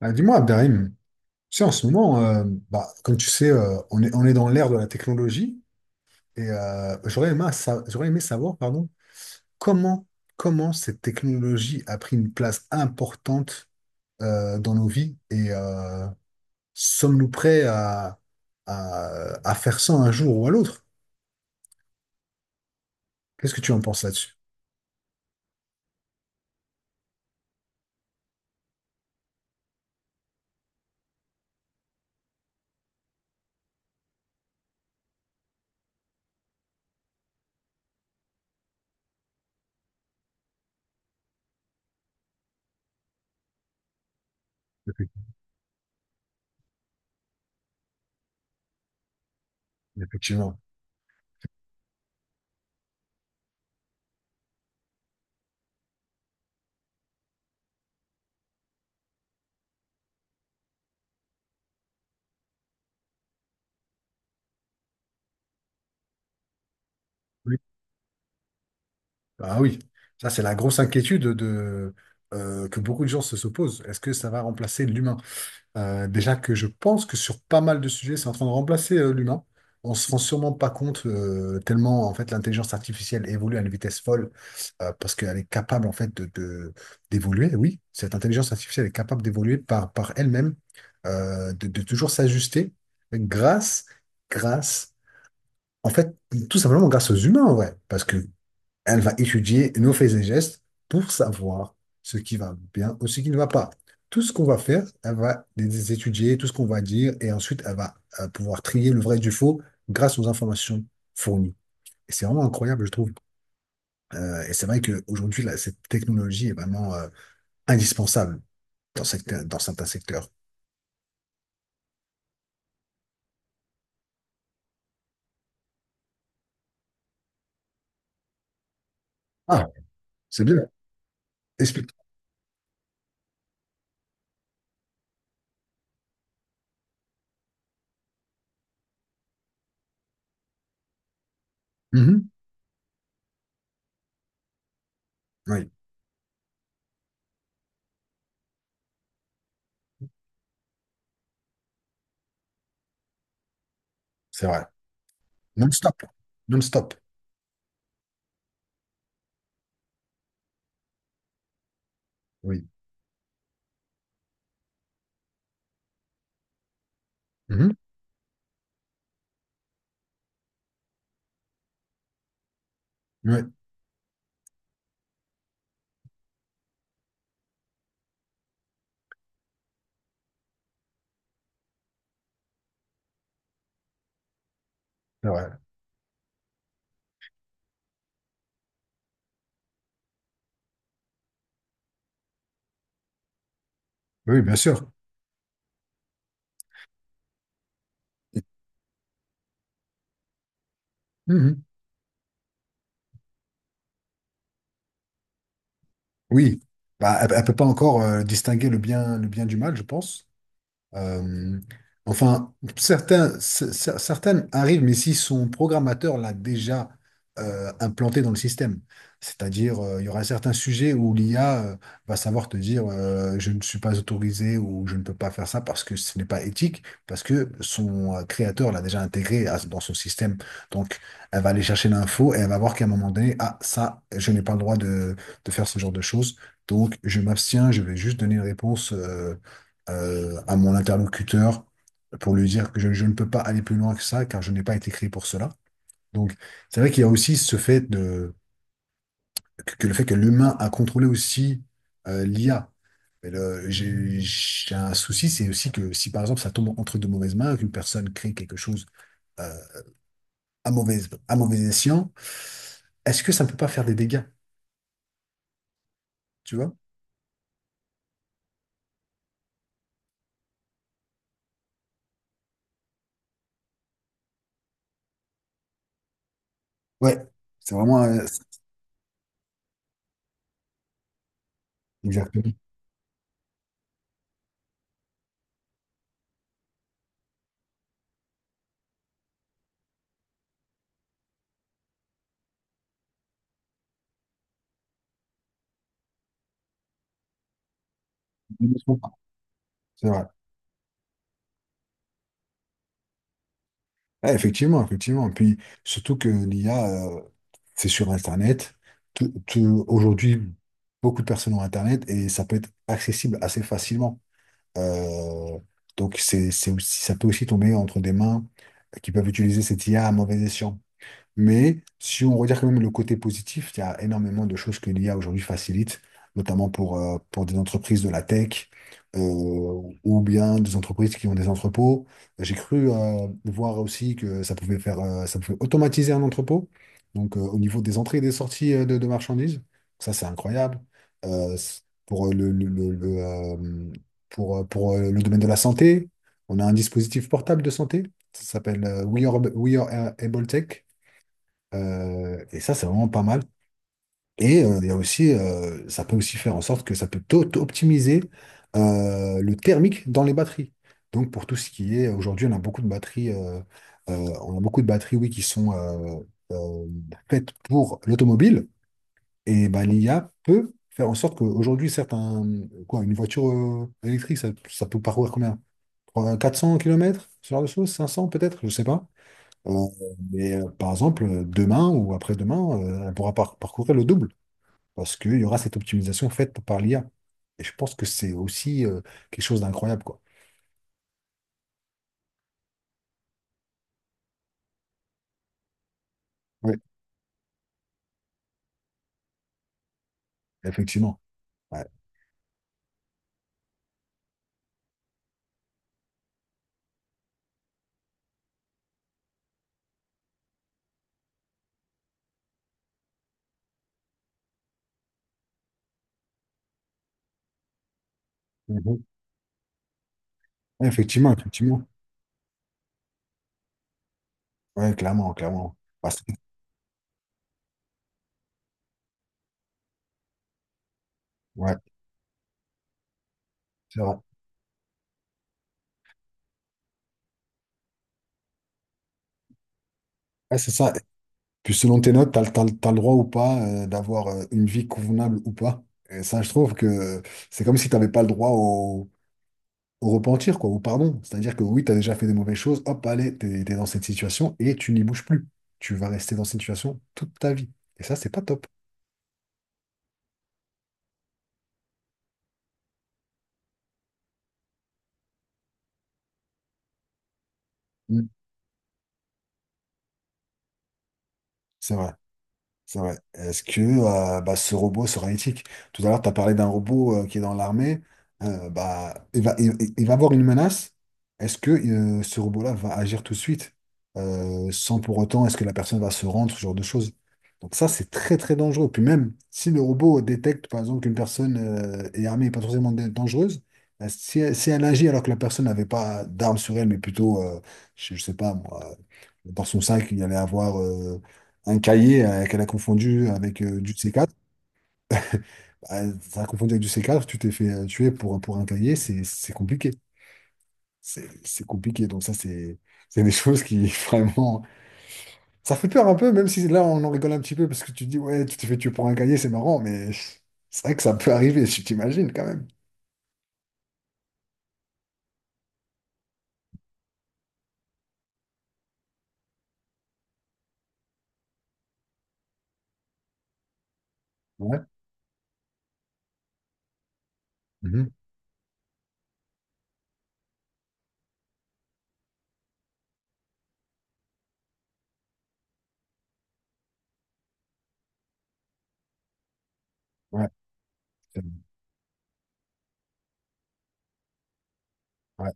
Ah, dis-moi, Abderrahim, tu sais, en ce moment, bah, comme tu sais, on est dans l'ère de la technologie et j'aurais aimé, j'aurais aimé savoir pardon, comment, comment cette technologie a pris une place importante dans nos vies et sommes-nous prêts à, à faire ça un jour ou à l'autre? Qu'est-ce que tu en penses là-dessus? Effectivement. Ah oui, ça c'est la grosse inquiétude que beaucoup de gens se posent. Est-ce que ça va remplacer l'humain? Déjà que je pense que sur pas mal de sujets, c'est en train de remplacer l'humain. On se rend sûrement pas compte tellement en fait l'intelligence artificielle évolue à une vitesse folle parce qu'elle est capable en fait d'évoluer. Oui, cette intelligence artificielle est capable d'évoluer par elle-même, de toujours s'ajuster grâce, grâce, en fait tout simplement grâce aux humains, ouais. Parce que elle va étudier nos faits et gestes pour savoir ce qui va bien ou ce qui ne va pas. Tout ce qu'on va faire, elle va les étudier, tout ce qu'on va dire, et ensuite, elle va pouvoir trier le vrai du faux grâce aux informations fournies. Et c'est vraiment incroyable, je trouve. Et c'est vrai qu'aujourd'hui, là, cette technologie est vraiment indispensable dans certains secteurs. Ah, c'est bien. Explique. Mhm. Oui, c'est vrai. Non-stop. Non-stop. Oui. Mhm. Oui, c'est vrai. Oui, bien sûr. Mhm. Oui, bah, elle ne peut pas encore distinguer le bien du mal, je pense. Euh, enfin, certains, certaines arrivent, mais si son programmateur l'a déjà implanté dans le système. C'est-à-dire, il y aura certains sujets où l'IA va savoir te dire je ne suis pas autorisé ou je ne peux pas faire ça parce que ce n'est pas éthique, parce que son créateur l'a déjà intégré dans son système. Donc, elle va aller chercher l'info et elle va voir qu'à un moment donné, ah, ça, je n'ai pas le droit de faire ce genre de choses. Donc, je m'abstiens, je vais juste donner une réponse, à mon interlocuteur pour lui dire que je ne peux pas aller plus loin que ça car je n'ai pas été créé pour cela. Donc, c'est vrai qu'il y a aussi ce fait de, que le fait que l'humain a contrôlé aussi l'IA. Mais j'ai un souci, c'est aussi que si par exemple ça tombe entre de mauvaises mains, qu'une personne crée quelque chose euh, à mauvais, à mauvais escient, est-ce que ça ne peut pas faire des dégâts, tu vois? Ouais, c'est vraiment, exactement. C'est vrai. Ah, effectivement, effectivement. Puis surtout que l'IA, c'est sur Internet. Aujourd'hui, beaucoup de personnes ont Internet et ça peut être accessible assez facilement. Euh, donc c'est aussi, ça peut aussi tomber entre des mains qui peuvent utiliser cette IA à mauvais escient. Mais si on regarde quand même le côté positif, il y a énormément de choses que l'IA aujourd'hui facilite, notamment pour des entreprises de la tech euh, ou bien des entreprises qui ont des entrepôts. J'ai cru voir aussi que ça pouvait faire, ça pouvait automatiser un entrepôt, donc au niveau des entrées et des sorties de marchandises. Ça, c'est incroyable. C- pour le, Pour le domaine de la santé, on a un dispositif portable de santé. Ça s'appelle We Are Able Tech. Et ça, c'est vraiment pas mal. Et il y a aussi, ça peut aussi faire en sorte que ça peut tôt optimiser le thermique dans les batteries. Donc pour tout ce qui est, aujourd'hui, on a beaucoup de batteries, on a beaucoup de batteries, oui, qui sont euh, faites pour l'automobile. Et bah, l'IA peut faire en sorte qu'aujourd'hui, certes, une voiture électrique, ça peut parcourir combien? 400 kilomètres ce genre de choses, 500 peut-être, je sais pas. Euh, mais par exemple, demain ou après-demain, elle pourra parcourir le double parce qu'il y aura cette optimisation faite par l'IA. Et je pense que c'est aussi quelque chose d'incroyable, quoi. Oui. Effectivement. Ouais. Mhm. Effectivement, effectivement. Ouais, clairement, clairement. Ouais, c'est vrai. Ouais, c'est ça. Puis selon tes notes, t'as, le- t'as, le t'as le droit ou pas d'avoir une vie convenable ou pas. Et ça, je trouve que c'est comme si t'avais pas le droit au repentir, quoi, au pardon. C'est-à-dire que oui, t'as déjà fait des mauvaises choses, hop, allez, t'es dans cette situation et tu n'y bouges plus. Tu vas rester dans cette situation toute ta vie. Et ça, c'est pas top. Mm. C'est vrai. C'est vrai. Est-ce que bah, ce robot sera éthique? Tout à l'heure, tu as parlé d'un robot qui est dans l'armée. Bah, il va avoir une menace. Est-ce que ce robot-là va agir tout de suite sans pour autant, est-ce que la personne va se rendre, ce genre de choses? Donc ça, c'est très très dangereux. Puis même si le robot détecte, par exemple, qu'une personne est armée et pas forcément dangereuse, si, elle agit alors que la personne n'avait pas d'arme sur elle, mais plutôt, je sais pas moi, dans son sac, il allait avoir un cahier qu'elle a confondu avec du C4, Ça a confondu avec du C4. Tu t'es fait tuer pour un cahier, c'est compliqué. C'est compliqué. Donc ça, c'est des choses qui vraiment. Ça fait peur un peu, même si là, on en rigole un petit peu parce que tu te dis, ouais, tu t'es fait tuer pour un cahier, c'est marrant, mais c'est vrai que ça peut arriver, tu t'imagines quand même. Ouais. Mhm. Ouais. C'est- Ouais,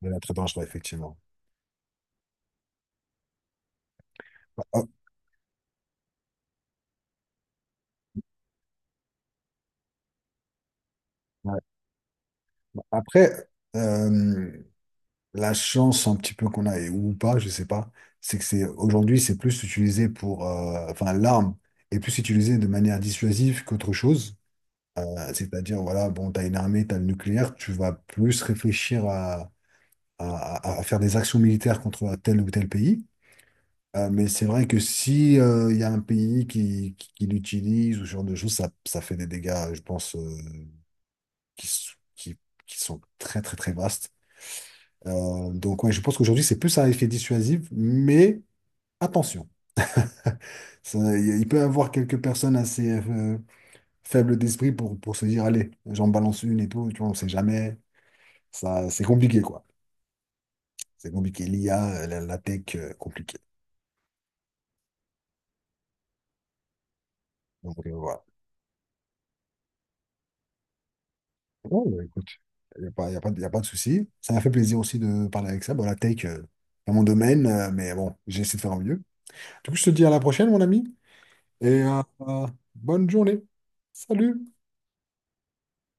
c'est très dangereux, effectivement. Ah, ouais. Après, euh, la chance un petit peu qu'on a, ou pas, je sais pas, c'est que c'est aujourd'hui, c'est plus utilisé pour, enfin, l'arme est plus utilisée de manière dissuasive qu'autre chose. C'est-à-dire, voilà, bon, t'as une armée, t'as le nucléaire, tu vas plus réfléchir à faire des actions militaires contre tel ou tel pays. Mais c'est vrai que si il y a un pays qui l'utilise ou ce genre de choses, ça fait des dégâts, je pense, qui, s- qui, qui sont très, très, très vastes. Donc, ouais, je pense qu'aujourd'hui, c'est plus un effet dissuasif, mais attention. Ça, il peut y avoir quelques personnes assez faibles d'esprit pour se dire, allez, j'en balance une et tout, tu vois, on sait jamais. Ça, c'est compliqué, quoi. C'est compliqué. L'IA, la tech, compliqué. Donc, voilà. Bon, bah, écoute, il n'y a pas, y a pas, de- y a pas de souci. Ça m'a fait plaisir aussi de parler avec ça. Bon, la tech, c'est mon domaine, mais bon, j'essaie de faire au mieux. Du coup, je te dis à la prochaine, mon ami, et bonne journée. Salut!